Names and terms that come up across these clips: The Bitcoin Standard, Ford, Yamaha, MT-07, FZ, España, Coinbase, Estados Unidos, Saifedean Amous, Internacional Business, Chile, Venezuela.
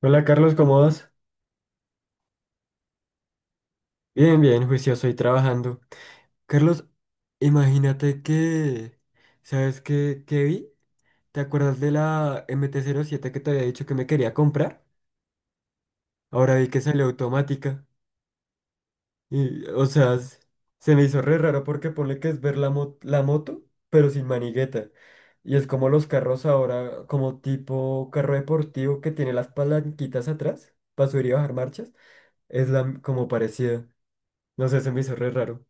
Hola Carlos, ¿cómo vas? Bien, bien, juicioso y trabajando. Carlos, imagínate que, ¿sabes qué vi? ¿Te acuerdas de la MT-07 que te había dicho que me quería comprar? Ahora vi que salió automática. Y, o sea, se me hizo re raro porque ponle que es ver la moto, pero sin manigueta. Y es como los carros ahora, como tipo carro deportivo que tiene las palanquitas atrás para subir y bajar marchas. Es como parecida. No sé, se me hizo re raro.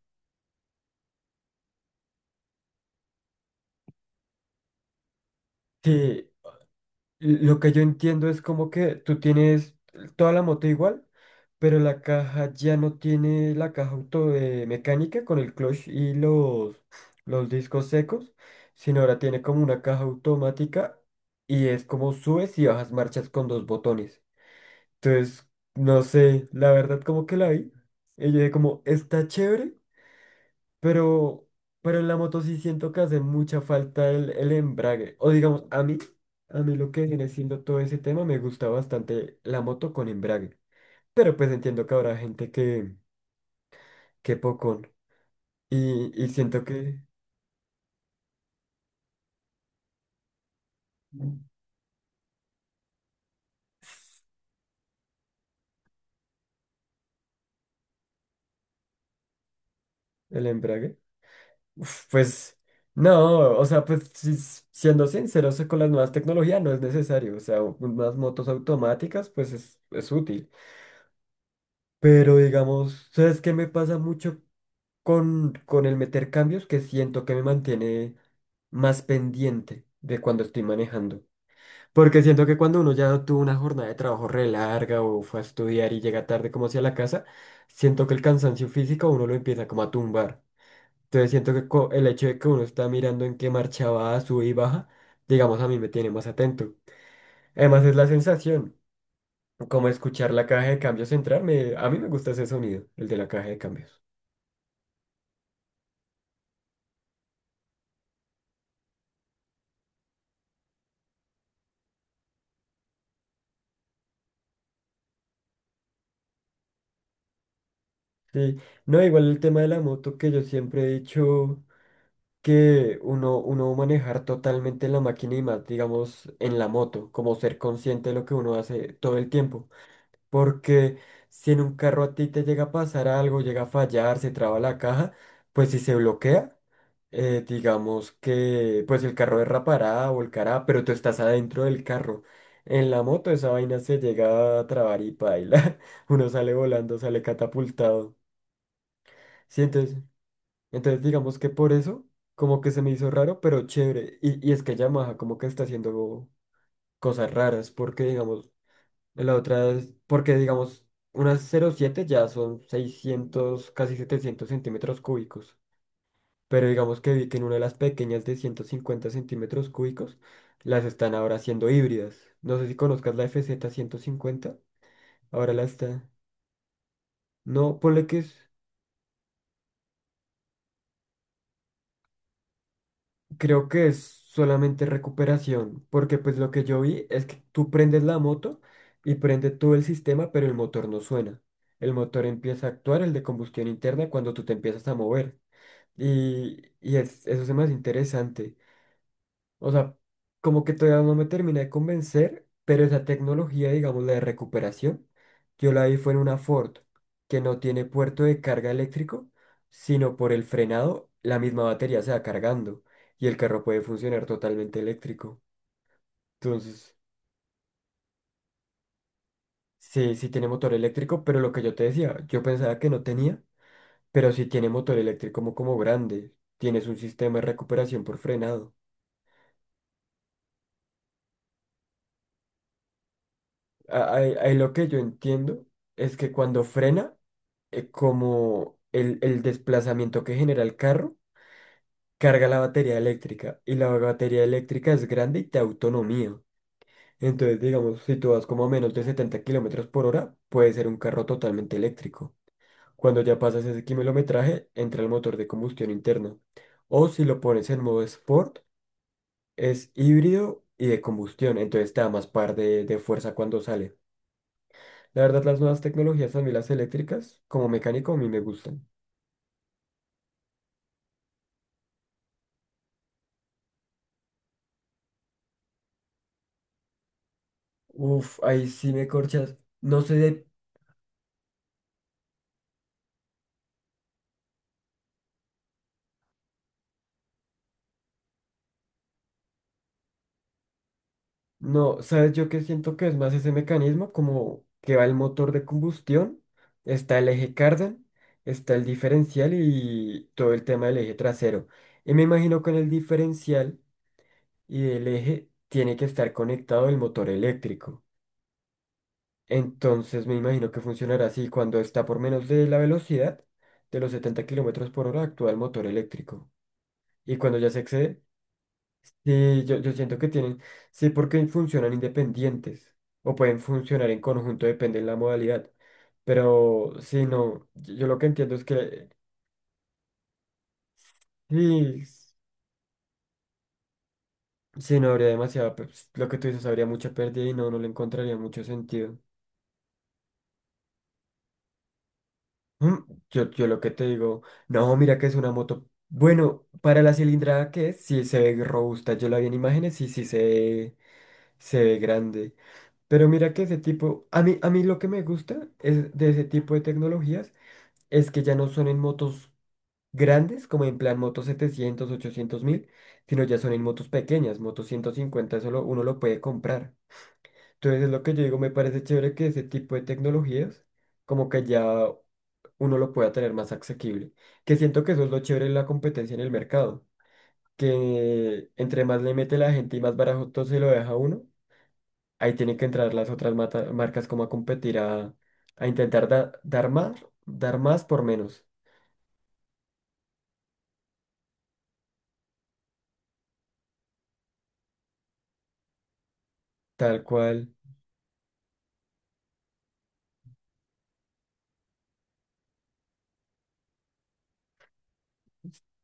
Sí. Lo que yo entiendo es como que tú tienes toda la moto igual, pero la caja ya no tiene la caja auto de mecánica con el clutch y los discos secos, sino ahora tiene como una caja automática y es como subes y bajas marchas con dos botones. Entonces, no sé, la verdad como que la vi. Y yo dije como, está chévere, pero, pero en la moto sí siento que hace mucha falta el embrague. O digamos, a mí lo que viene siendo todo ese tema, me gusta bastante la moto con embrague. Pero pues entiendo que habrá gente que pocón. Y siento que el embrague, uf, pues no, o sea, pues si siendo sinceros con las nuevas tecnologías no es necesario. O sea, unas motos automáticas, pues es útil. Pero digamos, ¿sabes qué me pasa mucho? Con el meter cambios que siento que me mantiene más pendiente de cuando estoy manejando. Porque siento que cuando uno ya tuvo una jornada de trabajo re larga o fue a estudiar y llega tarde como hacia la casa, siento que el cansancio físico a uno lo empieza como a tumbar. Entonces siento que el hecho de que uno está mirando en qué marcha va, sube y baja, digamos a mí me tiene más atento. Además es la sensación, como escuchar la caja de cambios entrar, a mí me gusta ese sonido, el de la caja de cambios. Sí, no, igual el tema de la moto que yo siempre he dicho que uno, uno manejar totalmente la máquina y más, digamos, en la moto, como ser consciente de lo que uno hace todo el tiempo. Porque si en un carro a ti te llega a pasar algo, llega a fallar, se traba la caja, pues si se bloquea, digamos que pues el carro derrapará, volcará, pero tú estás adentro del carro. En la moto esa vaina se llega a trabar y paila. Uno sale volando, sale catapultado. ¿Sientes? Entonces, digamos que por eso, como que se me hizo raro, pero chévere. Y es que Yamaha como que está haciendo cosas raras, porque digamos, la otra es, porque digamos, unas 0,7 ya son 600 casi 700 centímetros cúbicos. Pero digamos que vi que en una de las pequeñas de 150 centímetros cúbicos, las están ahora haciendo híbridas. No sé si conozcas la FZ 50 ahora la está. No, ponle que es. Creo que es solamente recuperación, porque pues lo que yo vi es que tú prendes la moto y prende todo el sistema, pero el motor no suena. El motor empieza a actuar, el de combustión interna, cuando tú te empiezas a mover. Y, eso es más interesante. O sea, como que todavía no me termina de convencer, pero esa tecnología, digamos, la de recuperación, yo la vi fue en una Ford que no tiene puerto de carga eléctrico, sino por el frenado, la misma batería se va cargando y el carro puede funcionar totalmente eléctrico. Entonces, sí, sí tiene motor eléctrico, pero lo que yo te decía, yo pensaba que no tenía, pero sí tiene motor eléctrico como, como grande. Tienes un sistema de recuperación por frenado. Ahí, ahí lo que yo entiendo es que cuando frena, como el desplazamiento que genera el carro, carga la batería eléctrica y la batería eléctrica es grande y te da autonomía. Entonces, digamos, si tú vas como a menos de 70 kilómetros por hora, puede ser un carro totalmente eléctrico. Cuando ya pasas ese kilometraje, entra el motor de combustión interna. O si lo pones en modo sport, es híbrido y de combustión, entonces te da más par de fuerza cuando sale. La verdad, las nuevas tecnologías, a mí las eléctricas, como mecánico, a mí me gustan. Uf, ahí sí me corchas. No sé de… No, ¿sabes yo qué siento que es más ese mecanismo? Como que va el motor de combustión, está el eje cardan, está el diferencial y todo el tema del eje trasero. Y me imagino que en el diferencial y el eje tiene que estar conectado el motor eléctrico. Entonces me imagino que funcionará así cuando está por menos de la velocidad de los 70 kilómetros por hora actúa el motor eléctrico. Y cuando ya se excede, sí, yo siento que tienen, sí, porque funcionan independientes o pueden funcionar en conjunto, depende de la modalidad. Pero sí, no, yo lo que entiendo es que sí, sí, no habría demasiada, lo que tú dices, habría mucha pérdida y no, no le encontraría mucho sentido. Mm. Yo lo que te digo, no, mira que es una moto. Bueno, para la cilindrada que es, sí se ve robusta. Yo la vi en imágenes y sí se ve grande. Pero mira que ese tipo, a mí lo que me gusta es de ese tipo de tecnologías es que ya no son en motos grandes, como en plan motos 700, 800 mil, sino ya son en motos pequeñas, motos 150, uno lo puede comprar. Entonces es lo que yo digo, me parece chévere que ese tipo de tecnologías, como que ya uno lo pueda tener más asequible. Que siento que eso es lo chévere de la competencia en el mercado, que entre más le mete la gente y más barato se lo deja a uno. Ahí tienen que entrar las otras marcas como a competir, a intentar dar más por menos. Tal cual,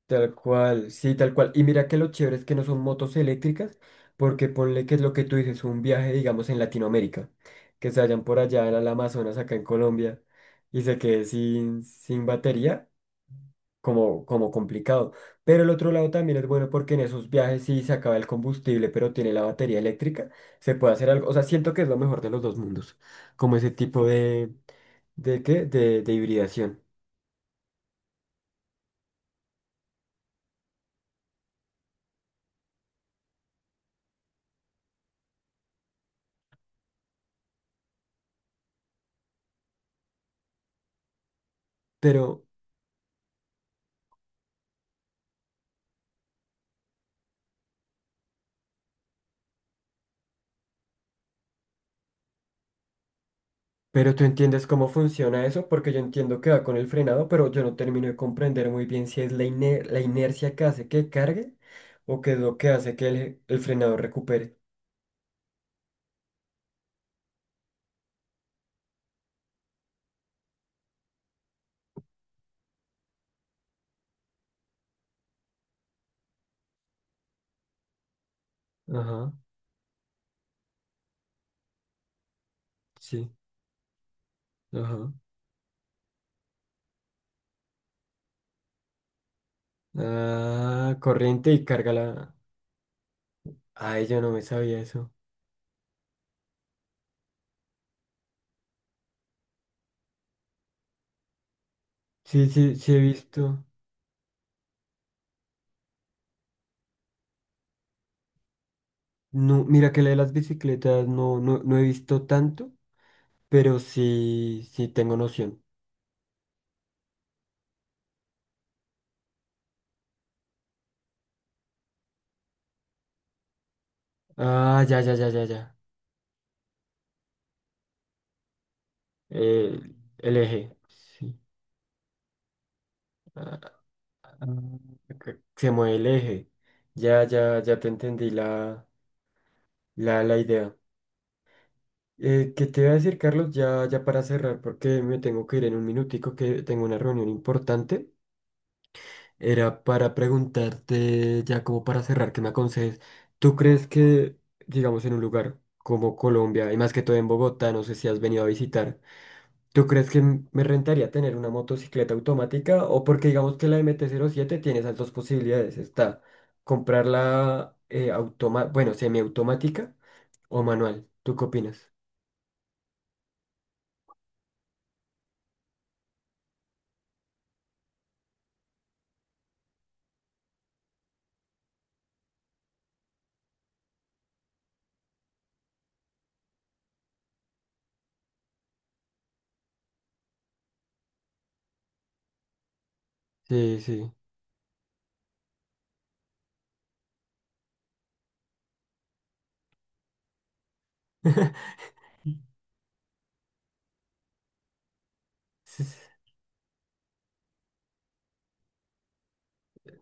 tal cual, sí, tal cual. Y mira que lo chévere es que no son motos eléctricas, porque ponle que es lo que tú dices, un viaje, digamos, en Latinoamérica, que se vayan por allá al el Amazonas, acá en Colombia, y se quede sin, sin batería. Como, como complicado. Pero el otro lado también es bueno porque en esos viajes si se acaba el combustible, pero tiene la batería eléctrica, se puede hacer algo. O sea, siento que es lo mejor de los dos mundos, como ese tipo ¿de qué? De hibridación. Pero, pero tú entiendes cómo funciona eso, porque yo entiendo que va con el frenado, pero yo no termino de comprender muy bien si es la inercia que hace que cargue o qué es lo que hace que el frenado recupere. Ajá, sí, ajá. Ah, corriente y carga la… Ay, yo no me sabía eso. Sí, sí, sí he visto. No, mira que la de las bicicletas no, no, no he visto tanto, pero sí, sí tengo noción. Ah, ya, ya, ya, ya, ya. Eh, el eje. Sí. Ah, ah, ok. Se mueve el eje. Ya, ya, ya te entendí la, la idea. ¿Qué te voy a decir, Carlos? Ya, ya para cerrar, porque me tengo que ir en un minutico que tengo una reunión importante. Era para preguntarte, ya como para cerrar, que me aconsejes. ¿Tú crees que, digamos, en un lugar como Colombia, y más que todo en Bogotá, no sé si has venido a visitar, ¿tú crees que me rentaría tener una motocicleta automática? O porque digamos que la MT-07 tiene esas dos posibilidades. Está comprarla bueno, semiautomática o manual. ¿Tú qué opinas? Sí, sí.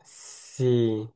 Sí.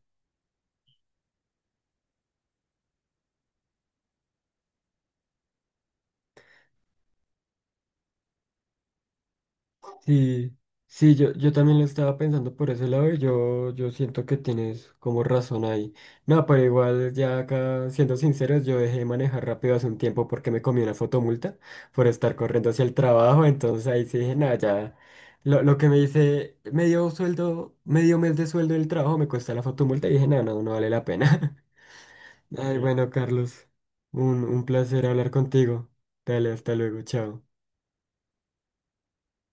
Sí, sí, yo también lo estaba pensando por ese lado y yo siento que tienes como razón ahí. No, pero igual ya acá, siendo sinceros, yo dejé de manejar rápido hace un tiempo porque me comí una fotomulta por estar corriendo hacia el trabajo, entonces ahí sí dije, nada, ya, lo que me dice medio sueldo, medio mes de sueldo del trabajo me cuesta la fotomulta y dije, nada, no, no vale la pena. Ay, ujú. Bueno, Carlos, un placer hablar contigo. Dale, hasta luego, chao.